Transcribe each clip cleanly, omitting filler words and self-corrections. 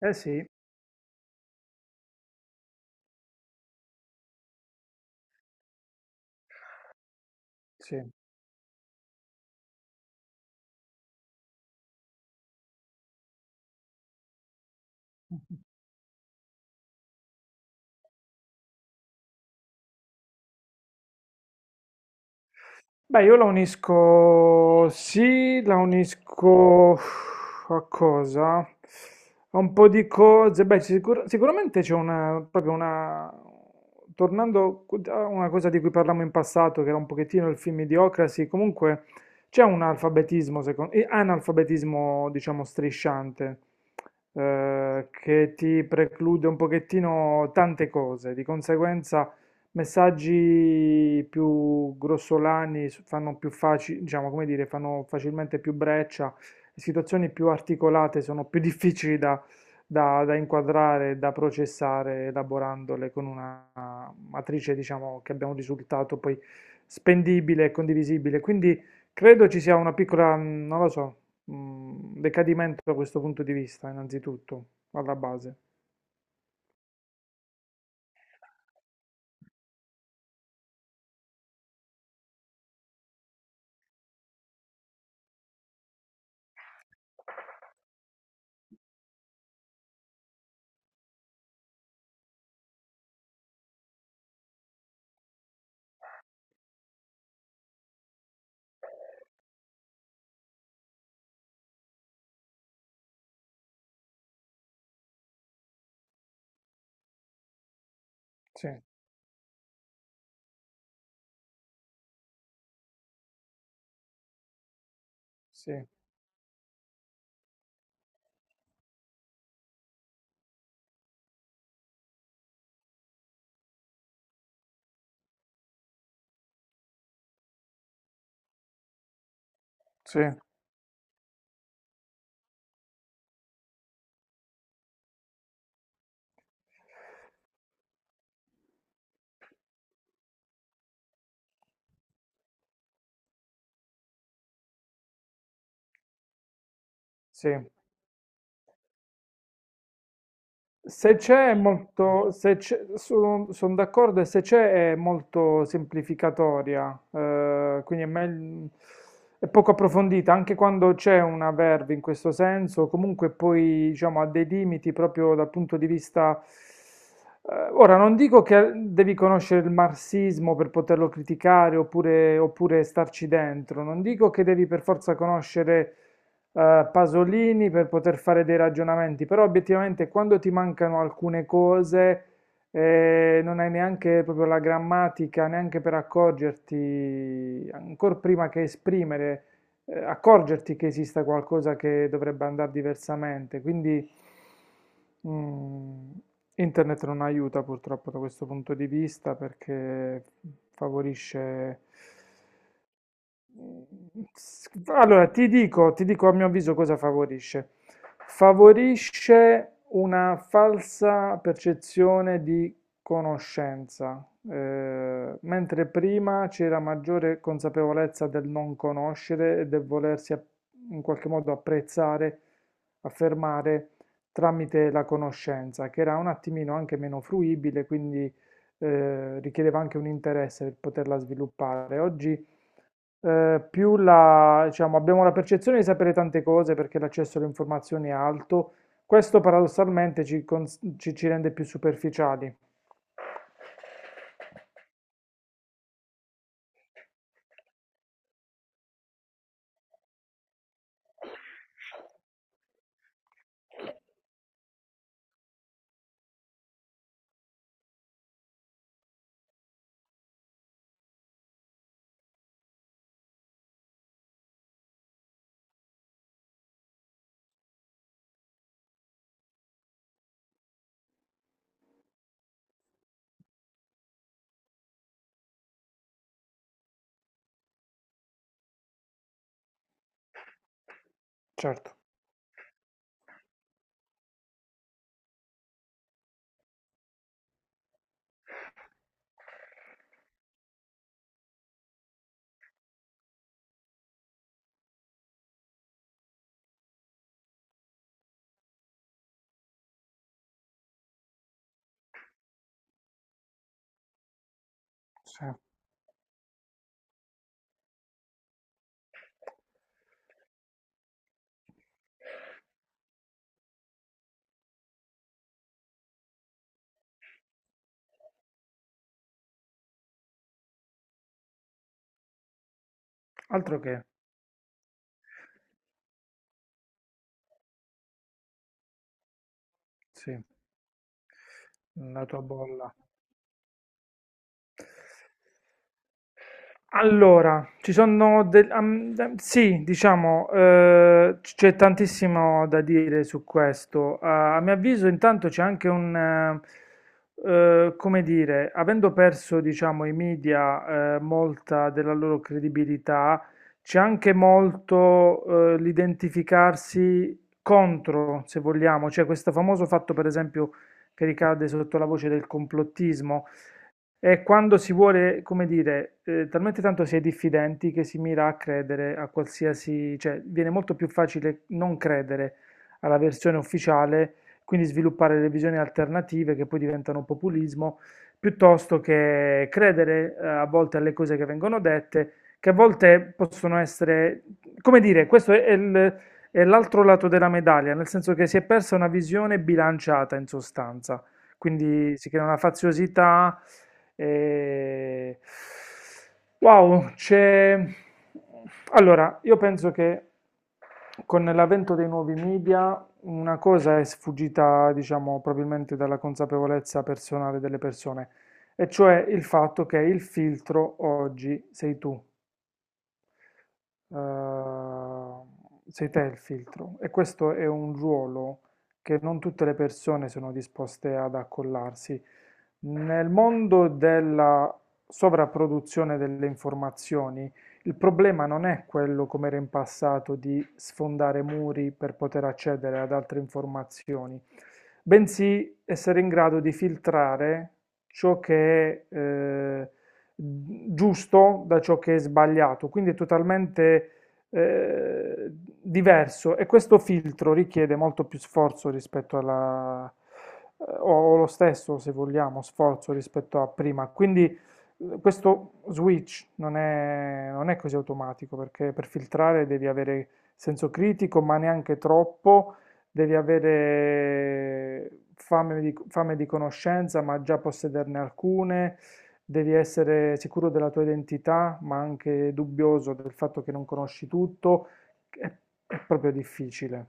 Eh sì, sì. Beh, io la unisco, sì, la unisco a cosa? A un po' di cose. Beh, sicuramente c'è una, proprio una, tornando a una cosa di cui parlavamo in passato, che era un pochettino il film Idiocracy. Comunque c'è un alfabetismo, secondo, analfabetismo, diciamo, strisciante, che ti preclude un pochettino tante cose, di conseguenza. Messaggi più grossolani fanno più facile, diciamo, come dire, fanno facilmente più breccia. Situazioni più articolate sono più difficili da inquadrare, da processare, elaborandole con una matrice, diciamo, che abbia un risultato poi spendibile e condivisibile. Quindi credo ci sia una piccola, non lo so, decadimento da questo punto di vista, innanzitutto, alla base. Sì, sì, sì, sì. Se c'è è molto, se c'è, sono d'accordo, e se c'è è molto semplificatoria, quindi è, è poco approfondita, anche quando c'è una verve in questo senso. Comunque poi, diciamo, ha dei limiti proprio dal punto di vista. Ora, non dico che devi conoscere il marxismo per poterlo criticare, oppure starci dentro; non dico che devi per forza conoscere Pasolini per poter fare dei ragionamenti, però obiettivamente quando ti mancano alcune cose, non hai neanche proprio la grammatica, neanche per accorgerti, ancora prima che esprimere, accorgerti che esista qualcosa che dovrebbe andare diversamente. Quindi mm, internet non aiuta purtroppo da questo punto di vista, perché favorisce. Mm. Allora, ti dico a mio avviso cosa favorisce. Favorisce una falsa percezione di conoscenza, mentre prima c'era maggiore consapevolezza del non conoscere e del volersi in qualche modo apprezzare, affermare tramite la conoscenza, che era un attimino anche meno fruibile. Quindi richiedeva anche un interesse per poterla sviluppare. Oggi più la, diciamo, abbiamo la percezione di sapere tante cose perché l'accesso alle informazioni è alto. Questo paradossalmente ci rende più superficiali. Certo, sì. Altro che, sì, la tua bolla. Allora, ci sono sì, diciamo, c'è tantissimo da dire su questo. A mio avviso, intanto c'è anche un, come dire, avendo perso, diciamo, i media, molta della loro credibilità. C'è anche molto, l'identificarsi contro, se vogliamo, cioè questo famoso fatto, per esempio, che ricade sotto la voce del complottismo. È quando si vuole, come dire, talmente tanto si è diffidenti che si mira a credere a qualsiasi, cioè viene molto più facile non credere alla versione ufficiale, quindi sviluppare le visioni alternative che poi diventano populismo, piuttosto che credere a volte alle cose che vengono dette, che a volte possono essere, come dire, questo è è l'altro lato della medaglia, nel senso che si è persa una visione bilanciata, in sostanza. Quindi si crea una faziosità. E... Wow, c'è... Allora, io penso che con l'avvento dei nuovi media una cosa è sfuggita, diciamo, probabilmente dalla consapevolezza personale delle persone, e cioè il fatto che il filtro oggi sei tu, sei te il filtro, e questo è un ruolo che non tutte le persone sono disposte ad accollarsi. Nel mondo della sovrapproduzione delle informazioni, il problema non è quello, come era in passato, di sfondare muri per poter accedere ad altre informazioni, bensì essere in grado di filtrare ciò che è giusto da ciò che è sbagliato. Quindi è totalmente eh, diverso, e questo filtro richiede molto più sforzo rispetto alla. O lo stesso, se vogliamo, sforzo rispetto a prima. Quindi questo switch non è così automatico, perché per filtrare devi avere senso critico, ma neanche troppo; devi avere fame di conoscenza, ma già possederne alcune. Devi essere sicuro della tua identità, ma anche dubbioso del fatto che non conosci tutto. È, è proprio difficile.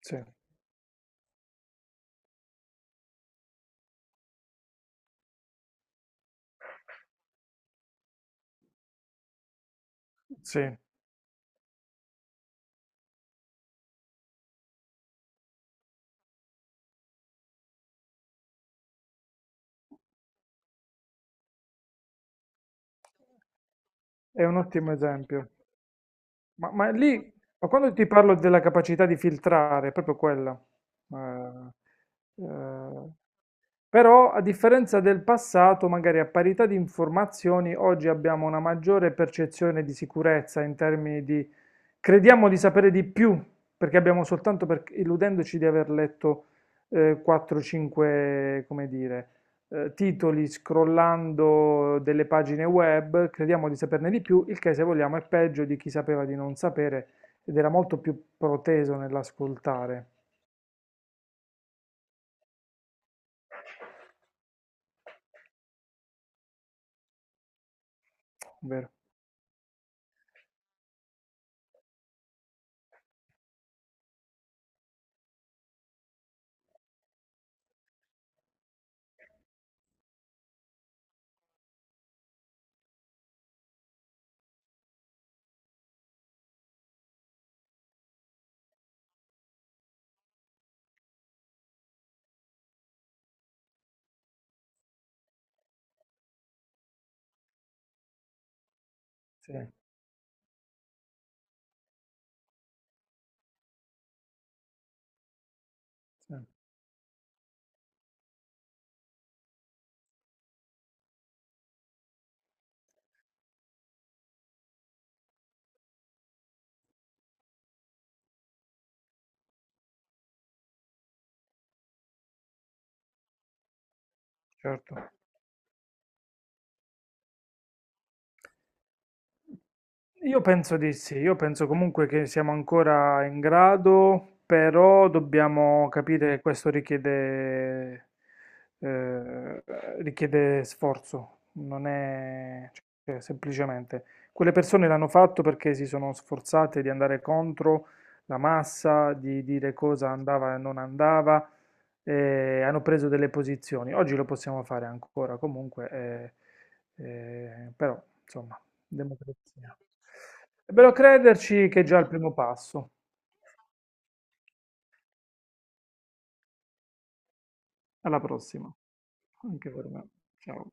Sì, sì, è un ottimo esempio. Ma lì, ma quando ti parlo della capacità di filtrare, è proprio quella. Eh, eh, Però, a differenza del passato, magari a parità di informazioni, oggi abbiamo una maggiore percezione di sicurezza in termini di, crediamo di sapere di più, perché abbiamo soltanto illudendoci di aver letto 4-5, come dire, titoli scrollando delle pagine web, crediamo di saperne di più, il che se vogliamo è peggio di chi sapeva di non sapere ed era molto più proteso nell'ascoltare. Vero? Sì, sì, sì, certo. Io penso di sì, io penso comunque che siamo ancora in grado, però dobbiamo capire che questo eh, richiede sforzo, non è, cioè, semplicemente. Quelle persone l'hanno fatto perché si sono sforzate di andare contro la massa, di dire cosa andava e non andava, e hanno preso delle posizioni. Oggi lo possiamo fare ancora comunque, però insomma. Democrazia. È bello crederci, che è già il primo passo. Alla prossima. Anche per me. Ciao.